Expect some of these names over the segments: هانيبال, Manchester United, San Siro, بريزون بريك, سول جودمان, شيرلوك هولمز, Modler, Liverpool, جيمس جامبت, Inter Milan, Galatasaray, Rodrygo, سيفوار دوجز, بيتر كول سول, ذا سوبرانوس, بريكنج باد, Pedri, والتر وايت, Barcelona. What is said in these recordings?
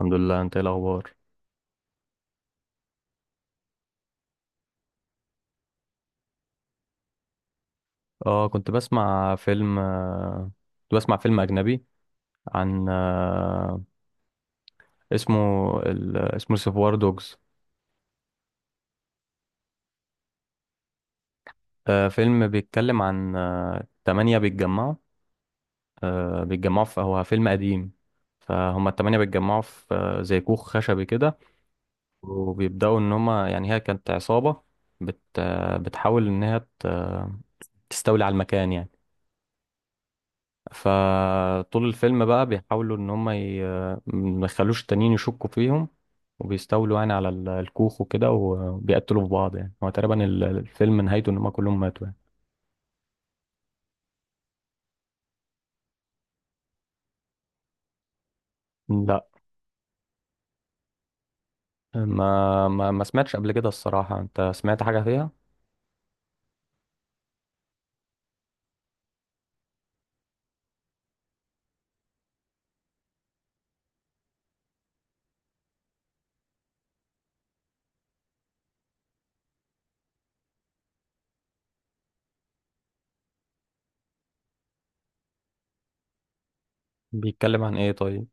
الحمد لله. انت ايه الاخبار؟ اه، كنت بسمع فيلم، كنت بسمع فيلم اجنبي عن، اسمه، اسمه سيفوار دوجز. آه، فيلم بيتكلم عن، تمانية بيتجمعوا، بيتجمعوا في، هو فيلم قديم، فهم التمانية بيتجمعوا في، زي كوخ خشبي كده، وبيبدأوا ان هما يعني هي كانت عصابة بت... آه، بتحاول ان هي تستولي على المكان يعني. فطول الفيلم بقى بيحاولوا ان ما يخلوش التانيين يشكوا فيهم، وبيستولوا يعني على الكوخ وكده، وبيقتلوا في بعض. يعني هو تقريبا الفيلم نهايته ان هم كلهم ماتوا يعني. لا، ما سمعتش قبل كده الصراحة. انت سمعت حاجة فيها بيتكلم عن ايه طيب؟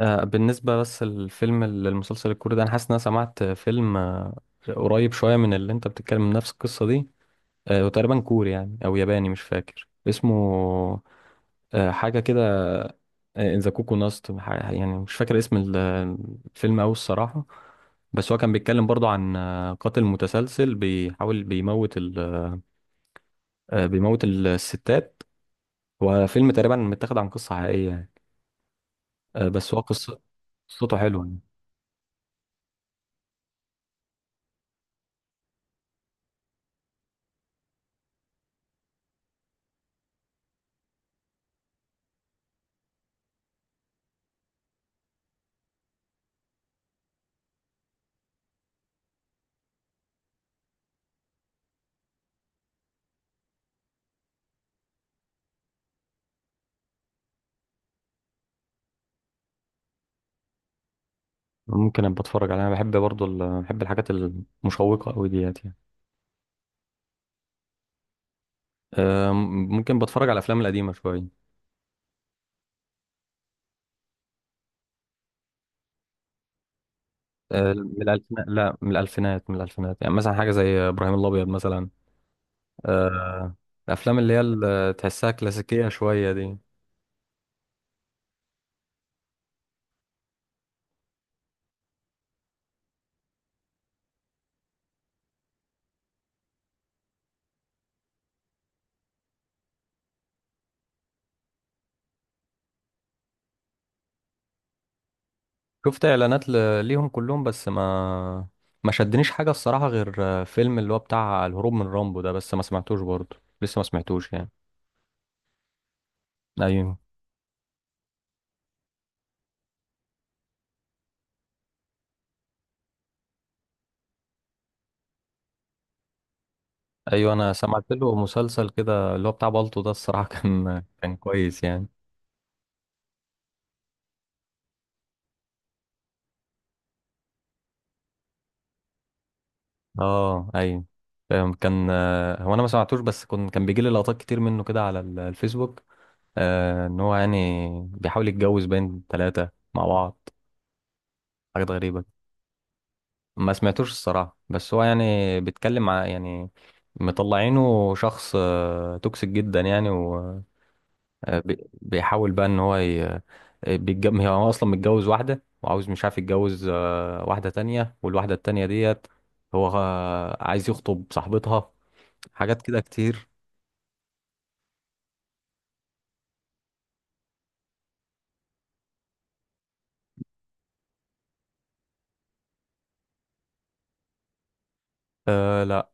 آه، بالنسبة بس للفيلم المسلسل الكوري ده، انا حاسس ان انا سمعت فيلم، قريب شوية من اللي انت بتتكلم، من نفس القصة دي. آه، وتقريبا كوري يعني او ياباني، مش فاكر اسمه. حاجة كده، ذا كوكو ناست، يعني مش فاكر اسم الفيلم أوي الصراحة. بس هو كان بيتكلم برضو عن، قاتل متسلسل بيحاول بيموت ال، بيموت الستات. هو فيلم تقريبا متاخد عن قصة حقيقية يعني. بس هو قصة، قصته حلوة يعني. ممكن ابقى اتفرج عليها، انا بحب برضو ال، بحب الحاجات المشوقة قوي ديت يعني. آه، ممكن بتفرج على الافلام القديمة شوية. من الالفينات، لا من الالفينات، من الالفينات. يعني مثلا حاجة زي ابراهيم الابيض مثلا. آه، الافلام اللي هي اللي تحسها كلاسيكيه شويه دي. شفت اعلانات ليهم كلهم، بس ما شدنيش حاجه الصراحه، غير فيلم اللي هو بتاع الهروب من رامبو ده، بس ما سمعتوش برضه، لسه ما سمعتوش يعني. ايوه. ايوه، انا سمعت له مسلسل كده اللي هو بتاع بالطو ده الصراحه، كان كويس يعني. اه. ايوه، فاهم. كان، هو انا ما سمعتوش، بس كان بيجي لي لقطات كتير منه كده على الفيسبوك. آه، ان هو يعني بيحاول يتجوز بين ثلاثه مع بعض. حاجات غريبه. ما سمعتوش الصراحة، بس هو يعني بيتكلم عن يعني مطلعينه شخص، توكسيك جدا يعني. وبيحاول بقى ان بيتجم، هو اصلا متجوز واحدة، وعاوز مش عارف يتجوز، واحدة تانية، والواحدة التانية ديت هو، عايز يخطب صاحبتها. حاجات كده كتير. أه لا،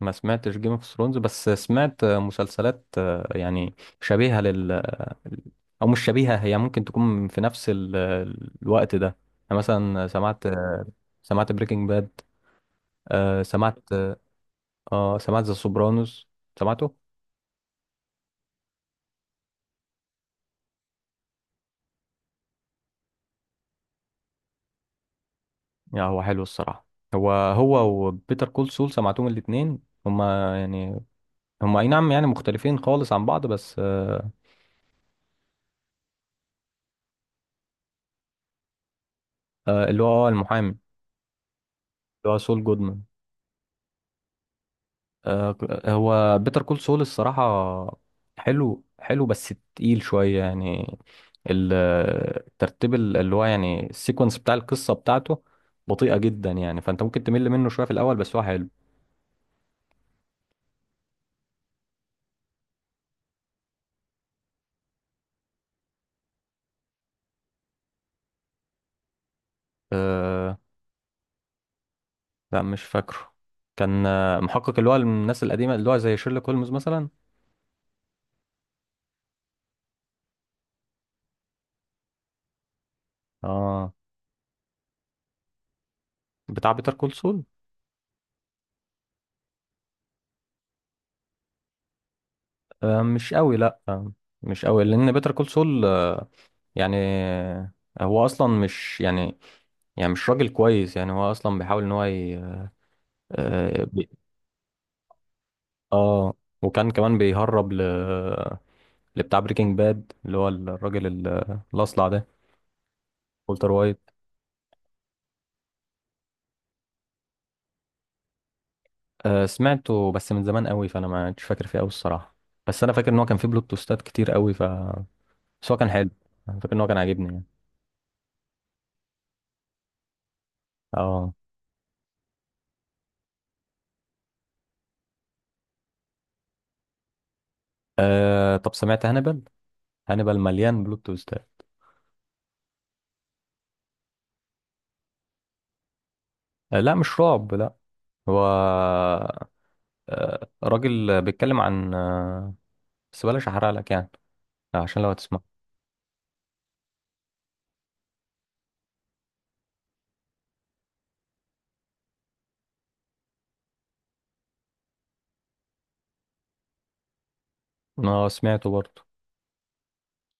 ما سمعتش جيم اوف ثرونز، بس سمعت، مسلسلات، يعني شبيهة، او مش شبيهه، هي ممكن تكون في نفس الوقت ده. انا مثلا سمعت، سمعت بريكنج باد. آه سمعت. اه، سمعت ذا سوبرانوس، سمعته. يا هو حلو الصراحه. هو، هو وبيتر كول سول، سمعتهم الاثنين. هما يعني، هما اي نعم يعني مختلفين خالص عن بعض بس آه. آه، اللي هو، المحامي، اللي هو سول جودمان. آه، هو بيتر كول سول الصراحة حلو، حلو بس تقيل شوية يعني. ال- الترتيب، اللي هو يعني السيكونس بتاع القصة بتاعته، بطيئة جدا يعني، فأنت ممكن تمل منه شوية في الأول، بس هو حلو. أه، لا مش فاكره. كان، محقق اللي هو الناس القديمة، اللي هو زي شيرلوك هولمز مثلا. اه. بتاع بيتر كول سول. مش قوي، لا، مش قوي، لان بيتر كول سول يعني هو اصلا مش يعني، يعني مش راجل كويس يعني، هو اصلا بيحاول ان اه آه، وكان كمان بيهرب ل، لبتاع بريكنج باد اللي هو الراجل الاصلع ده، والتر وايت. آه، سمعته بس من زمان قوي، فانا ما كنتش فاكر فيه قوي الصراحه. بس انا فاكر ان هو كان فيه بلوت توستات كتير قوي ف، بس هو كان حلو. انا فاكر ان هو كان عاجبني يعني. اه. آه، طب سمعت هانيبال؟ هانيبال مليان بلوت تويستات. لا مش رعب، لا. هو، راجل بيتكلم عن، بس بلاش احرق لك يعني، عشان لو هتسمع. اه سمعته برضه.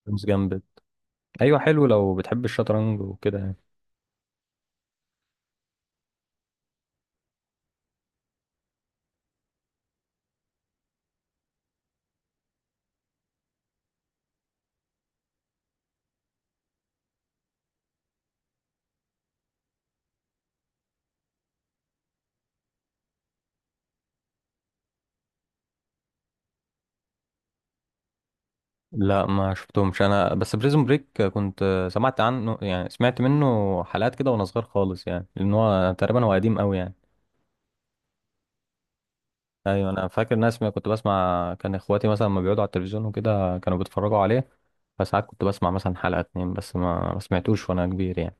جيمس جامبت، ايوه حلو لو بتحب الشطرنج وكده يعني. لا، ما شفتهمش انا، بس بريزون بريك كنت، سمعت عنه، يعني سمعت منه حلقات كده وانا صغير خالص يعني، لان هو تقريبا هو قديم قوي يعني. ايوه، انا فاكر ناس ما كنت بسمع، كان اخواتي مثلا لما بيقعدوا على التلفزيون وكده كانوا بيتفرجوا عليه، فساعات كنت بسمع مثلا حلقة اتنين، بس ما سمعتوش وانا كبير يعني.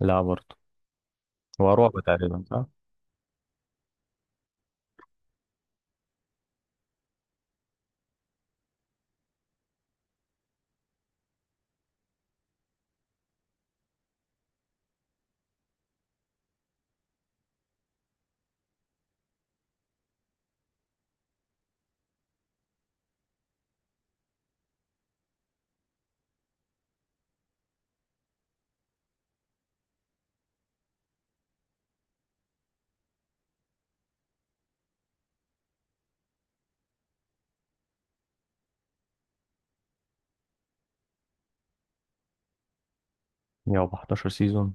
لا برضه. هو رعب تقريبا صح؟ 111 سيزون.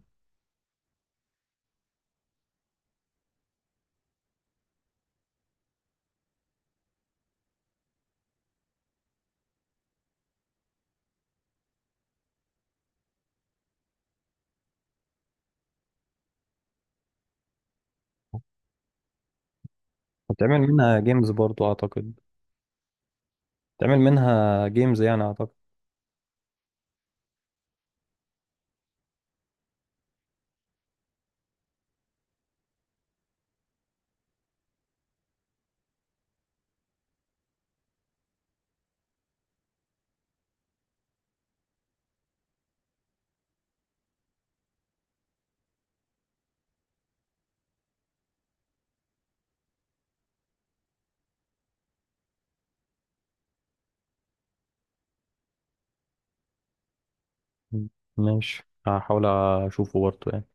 وتعمل منها جيمز برضو اعتقد. تعمل منها جيمز يعني اعتقد. ماشي، هحاول اشوفه برضه يعني.